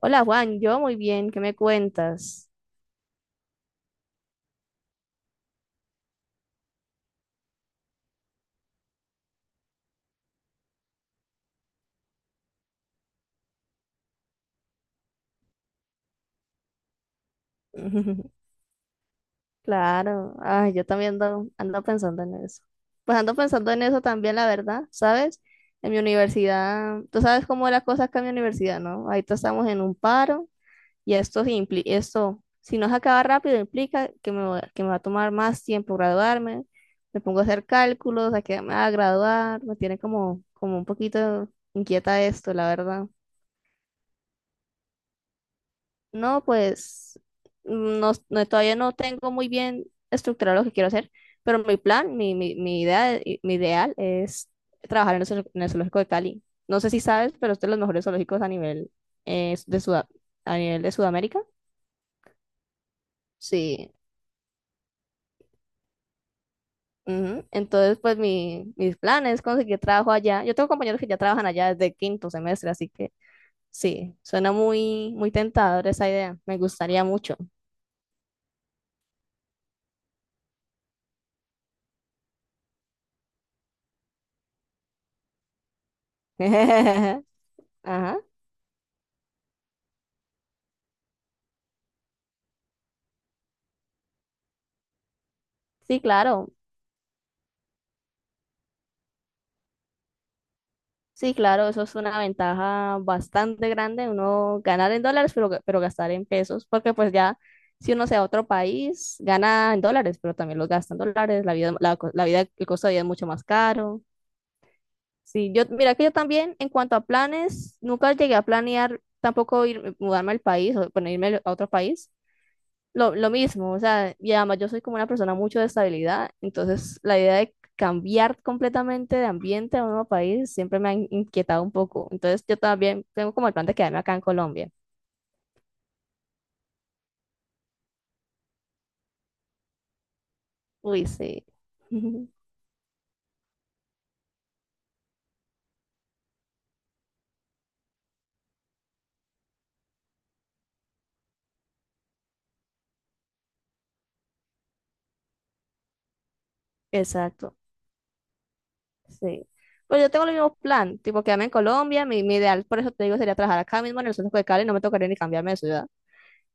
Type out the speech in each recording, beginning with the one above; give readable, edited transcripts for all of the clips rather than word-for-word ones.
Hola Juan, yo muy bien, ¿qué me cuentas? Claro, ay, yo también ando pensando en eso. Pues ando pensando en eso también, la verdad, ¿sabes? En mi universidad, tú sabes cómo es la cosa acá en mi universidad, ¿no? Ahorita estamos en un paro y esto, esto si no se acaba rápido, implica que me va a tomar más tiempo graduarme. Me pongo a hacer cálculos, a quedarme a graduar, me tiene como un poquito inquieta esto, la verdad. No, pues no, todavía no tengo muy bien estructurado lo que quiero hacer, pero mi plan, mi idea, mi ideal es trabajar en el zoológico de Cali. No sé si sabes, pero este es de los mejores zoológicos eh, de Suda- a nivel de Sudamérica. Sí. Ujú. Entonces, pues mis planes es conseguir trabajo allá. Yo tengo compañeros que ya trabajan allá desde quinto semestre, así que sí, suena muy, muy tentador esa idea. Me gustaría mucho. Ajá. Sí, claro. Sí, claro, eso es una ventaja bastante grande, uno ganar en dólares, pero gastar en pesos, porque pues ya si uno se va a otro país, gana en dólares, pero también los gasta en dólares, la vida, el costo de vida es mucho más caro. Sí, mira que yo también, en cuanto a planes, nunca llegué a planear tampoco ir, mudarme al país o bueno, irme a otro país, lo mismo, o sea, y además yo soy como una persona mucho de estabilidad, entonces la idea de cambiar completamente de ambiente a un nuevo país siempre me ha inquietado un poco, entonces yo también tengo como el plan de quedarme acá en Colombia. Uy, sí. Exacto, sí. Pues yo tengo el mismo plan, tipo quedarme en Colombia, mi ideal, por eso te digo, sería trabajar acá mismo en el centro de Cali, no me tocaría ni cambiarme de ciudad.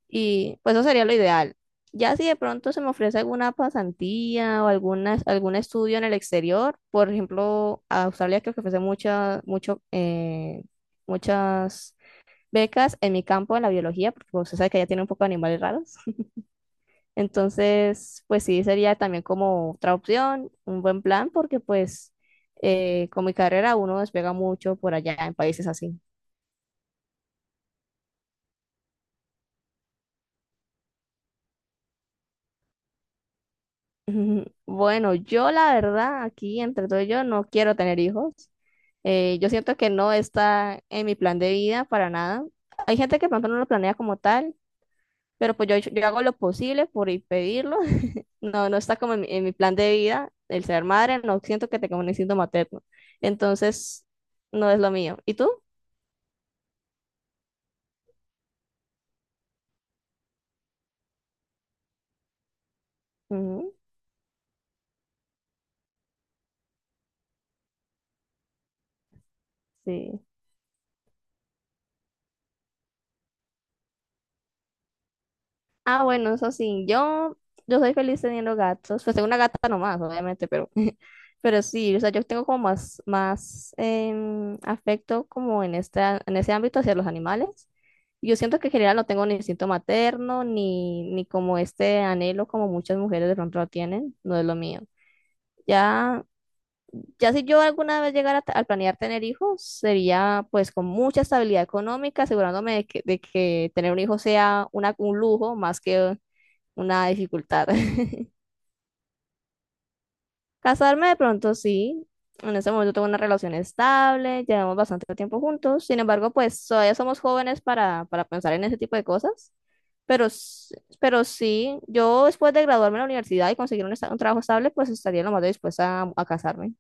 Y pues eso sería lo ideal. Ya si de pronto se me ofrece alguna pasantía o algún estudio en el exterior, por ejemplo, a Australia creo que ofrece muchas becas en mi campo, en la biología, porque pues, usted sabe que ya tiene un poco de animales raros. Entonces, pues sí, sería también como otra opción, un buen plan, porque pues con mi carrera uno despega mucho por allá en países así. Ujú. Bueno, yo la verdad, aquí entre todo yo no quiero tener hijos. Yo siento que no está en mi plan de vida para nada. Hay gente que de pronto no lo planea como tal, pero pues yo hago lo posible por impedirlo. No, no está como en mi plan de vida el ser madre, no siento que tenga un instinto materno. Entonces, no es lo mío. ¿Y tú? Ujú, sí. Ah, bueno, eso sí, yo soy feliz teniendo gatos. Pues tengo una gata nomás, obviamente, pero, pero sí, o sea, yo tengo como más, afecto como en ese ámbito hacia los animales. Yo siento que en general no tengo ni instinto materno, ni como este anhelo como muchas mujeres de pronto lo tienen, no es lo mío. Ya, ya si yo alguna vez llegara a planear tener hijos, sería pues con mucha estabilidad económica, asegurándome de que tener un hijo sea un lujo más que una dificultad. Casarme de pronto sí. En ese momento tengo una relación estable, llevamos bastante tiempo juntos. Sin embargo, pues todavía somos jóvenes para pensar en ese tipo de cosas. Pero, s- pero sí, yo después de graduarme en la universidad y conseguir un trabajo estable, pues estaría lo más dispuesta a casarme.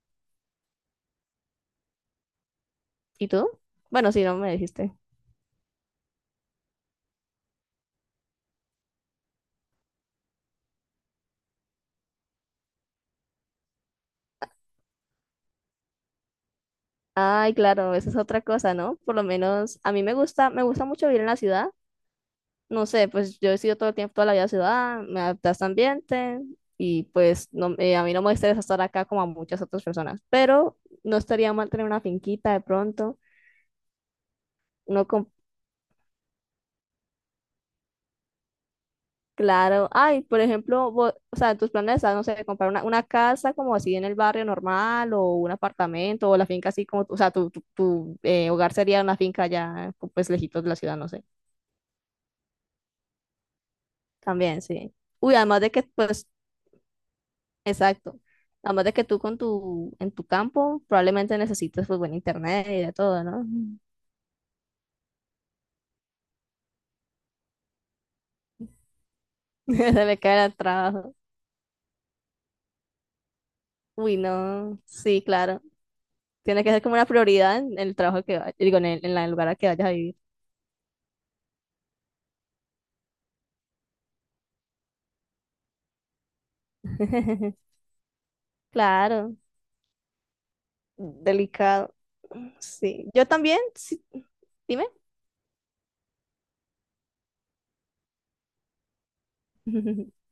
¿Y tú? Bueno, sí, no me dijiste. Ay, claro, esa es otra cosa, ¿no? Por lo menos a mí me gusta mucho vivir en la ciudad. No sé, pues yo he sido todo el tiempo, toda la vida ciudad, me adapté a este ambiente y pues no, a mí no me interesa estar acá como a muchas otras personas, pero no estaría mal tener una finquita de pronto, no con, claro, ay, por ejemplo, o sea, en tus planes están, no sé, comprar una casa como así en el barrio normal o un apartamento o la finca así como, o sea, tu hogar sería una finca ya pues lejitos de la ciudad, no sé, también, sí. Uy, además de que pues. Exacto. Además de que tú en tu campo probablemente necesites pues buen internet y de todo, ¿no? Se le cae el trabajo. Uy, no. Sí, claro. Tiene que ser como una prioridad en el trabajo que vayas, digo, en el lugar al que vayas a vivir. Claro. Delicado. Sí. Yo también, sí. Dime.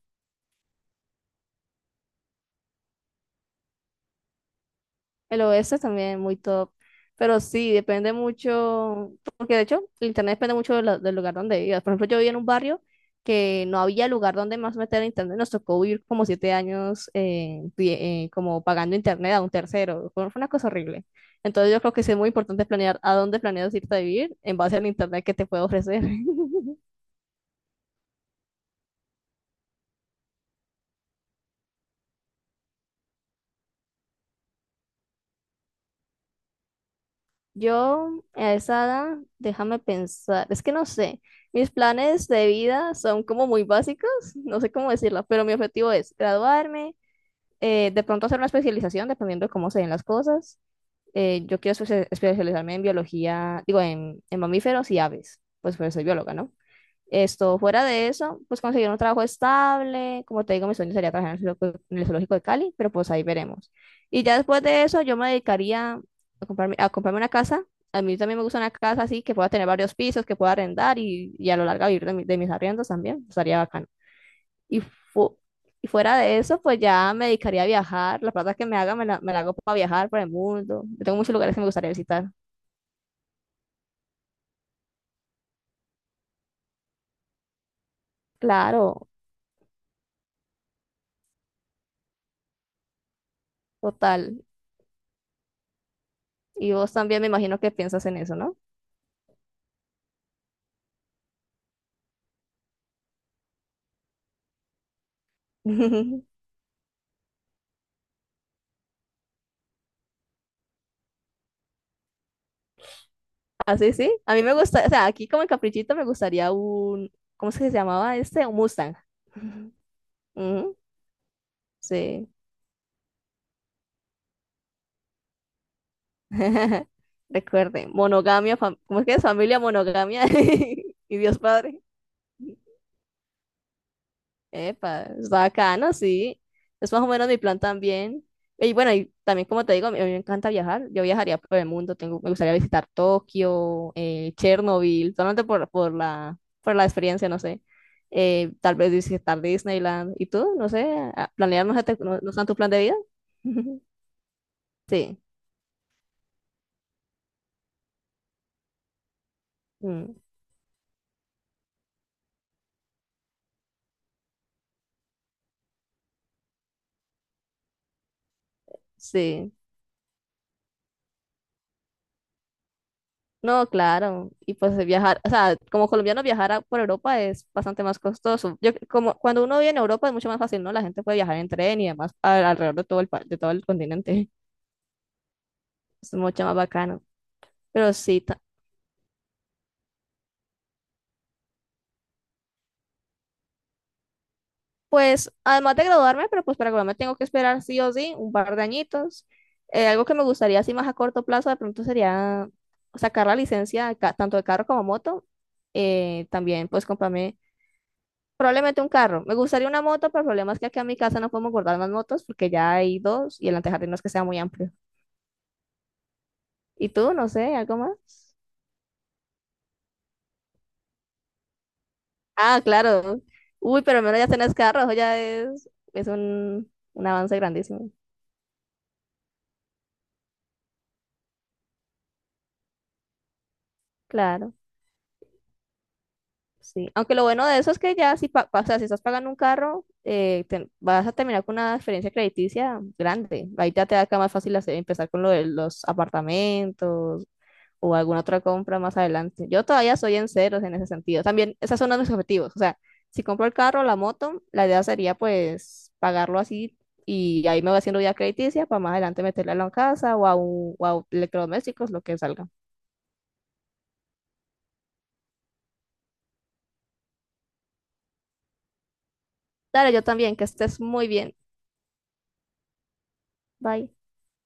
El oeste también muy top. Pero sí, depende mucho, porque de hecho el internet depende mucho del lugar donde vivas. Por ejemplo, yo vivía en un barrio que no había lugar donde más meter internet. Nos tocó vivir como 7 años como pagando internet a un tercero. Fue una cosa horrible. Entonces yo creo que sí es muy importante planear a dónde planeas irte a vivir en base al internet que te puede ofrecer. Yo a esa edad, déjame pensar, es que no sé, mis planes de vida son como muy básicos, no sé cómo decirlo, pero mi objetivo es graduarme, de pronto hacer una especialización, dependiendo de cómo se den las cosas. Yo quiero especializarme en biología, digo, en mamíferos y aves, pues soy bióloga, ¿no? Esto, fuera de eso, pues conseguir un trabajo estable, como te digo, mi sueño sería trabajar en el zoológico de Cali, pero pues ahí veremos. Y ya después de eso, yo me dedicaría a comprarme una casa. A mí también me gusta una casa así, que pueda tener varios pisos, que pueda arrendar y a lo largo vivir de mis arriendos también, estaría bacano. Y, fu- y fuera de eso, pues ya me dedicaría a viajar. La plata que me haga, me la hago para viajar por el mundo. Yo tengo muchos lugares que me gustaría visitar. Claro, total. Y vos también me imagino que piensas en eso, ¿no? Así sí. A mí me gusta, o sea, aquí como en Caprichito me gustaría un, ¿cómo es que se llamaba este? Un Mustang. Ujú, sí. Recuerde, monogamia, ¿cómo es que es familia monogamia? Y Dios Padre. Epa, es bacano, sí. Es más o menos mi plan también. Y bueno, y también como te digo, a mí me encanta viajar. Yo viajaría por el mundo. Tengo, me gustaría visitar Tokio, Chernobyl, solamente por la experiencia, no sé. Tal vez visitar Disneyland. ¿Y tú? No sé, planear no sé, no está en tu plan de vida. Sí, mm, sí. No, claro. Y pues viajar, o sea, como colombiano viajar por Europa es bastante más costoso. Yo, como cuando uno vive en Europa es mucho más fácil, ¿no? La gente puede viajar en tren y además alrededor de de todo el continente. Es mucho más bacano. Pero sí, pues además de graduarme, pero pues para graduarme tengo que esperar sí o sí un par de añitos. Algo que me gustaría así más a corto plazo de pronto sería sacar la licencia tanto de carro como moto. También pues comprarme probablemente un carro. Me gustaría una moto, pero el problema es que aquí en mi casa no podemos guardar más motos porque ya hay dos y el antejardín no es que sea muy amplio. ¿Y tú? No sé, ¿algo más? Ah, claro. Uy, pero al menos ya tenés carro, eso ya es un avance grandísimo. Claro, sí. Aunque lo bueno de eso es que ya o sea, si estás pagando un carro, vas a terminar con una experiencia crediticia grande. Ahí ya te da acá más fácil empezar con lo de los apartamentos, o alguna otra compra más adelante. Yo todavía soy en ceros en ese sentido. También, esos son uno de mis objetivos. O sea, si compro el carro, la moto, la idea sería pues pagarlo así y ahí me voy haciendo ya crediticia para más adelante meterla en la casa o a electrodomésticos, lo que salga. Dale, yo también, que estés muy bien. Bye.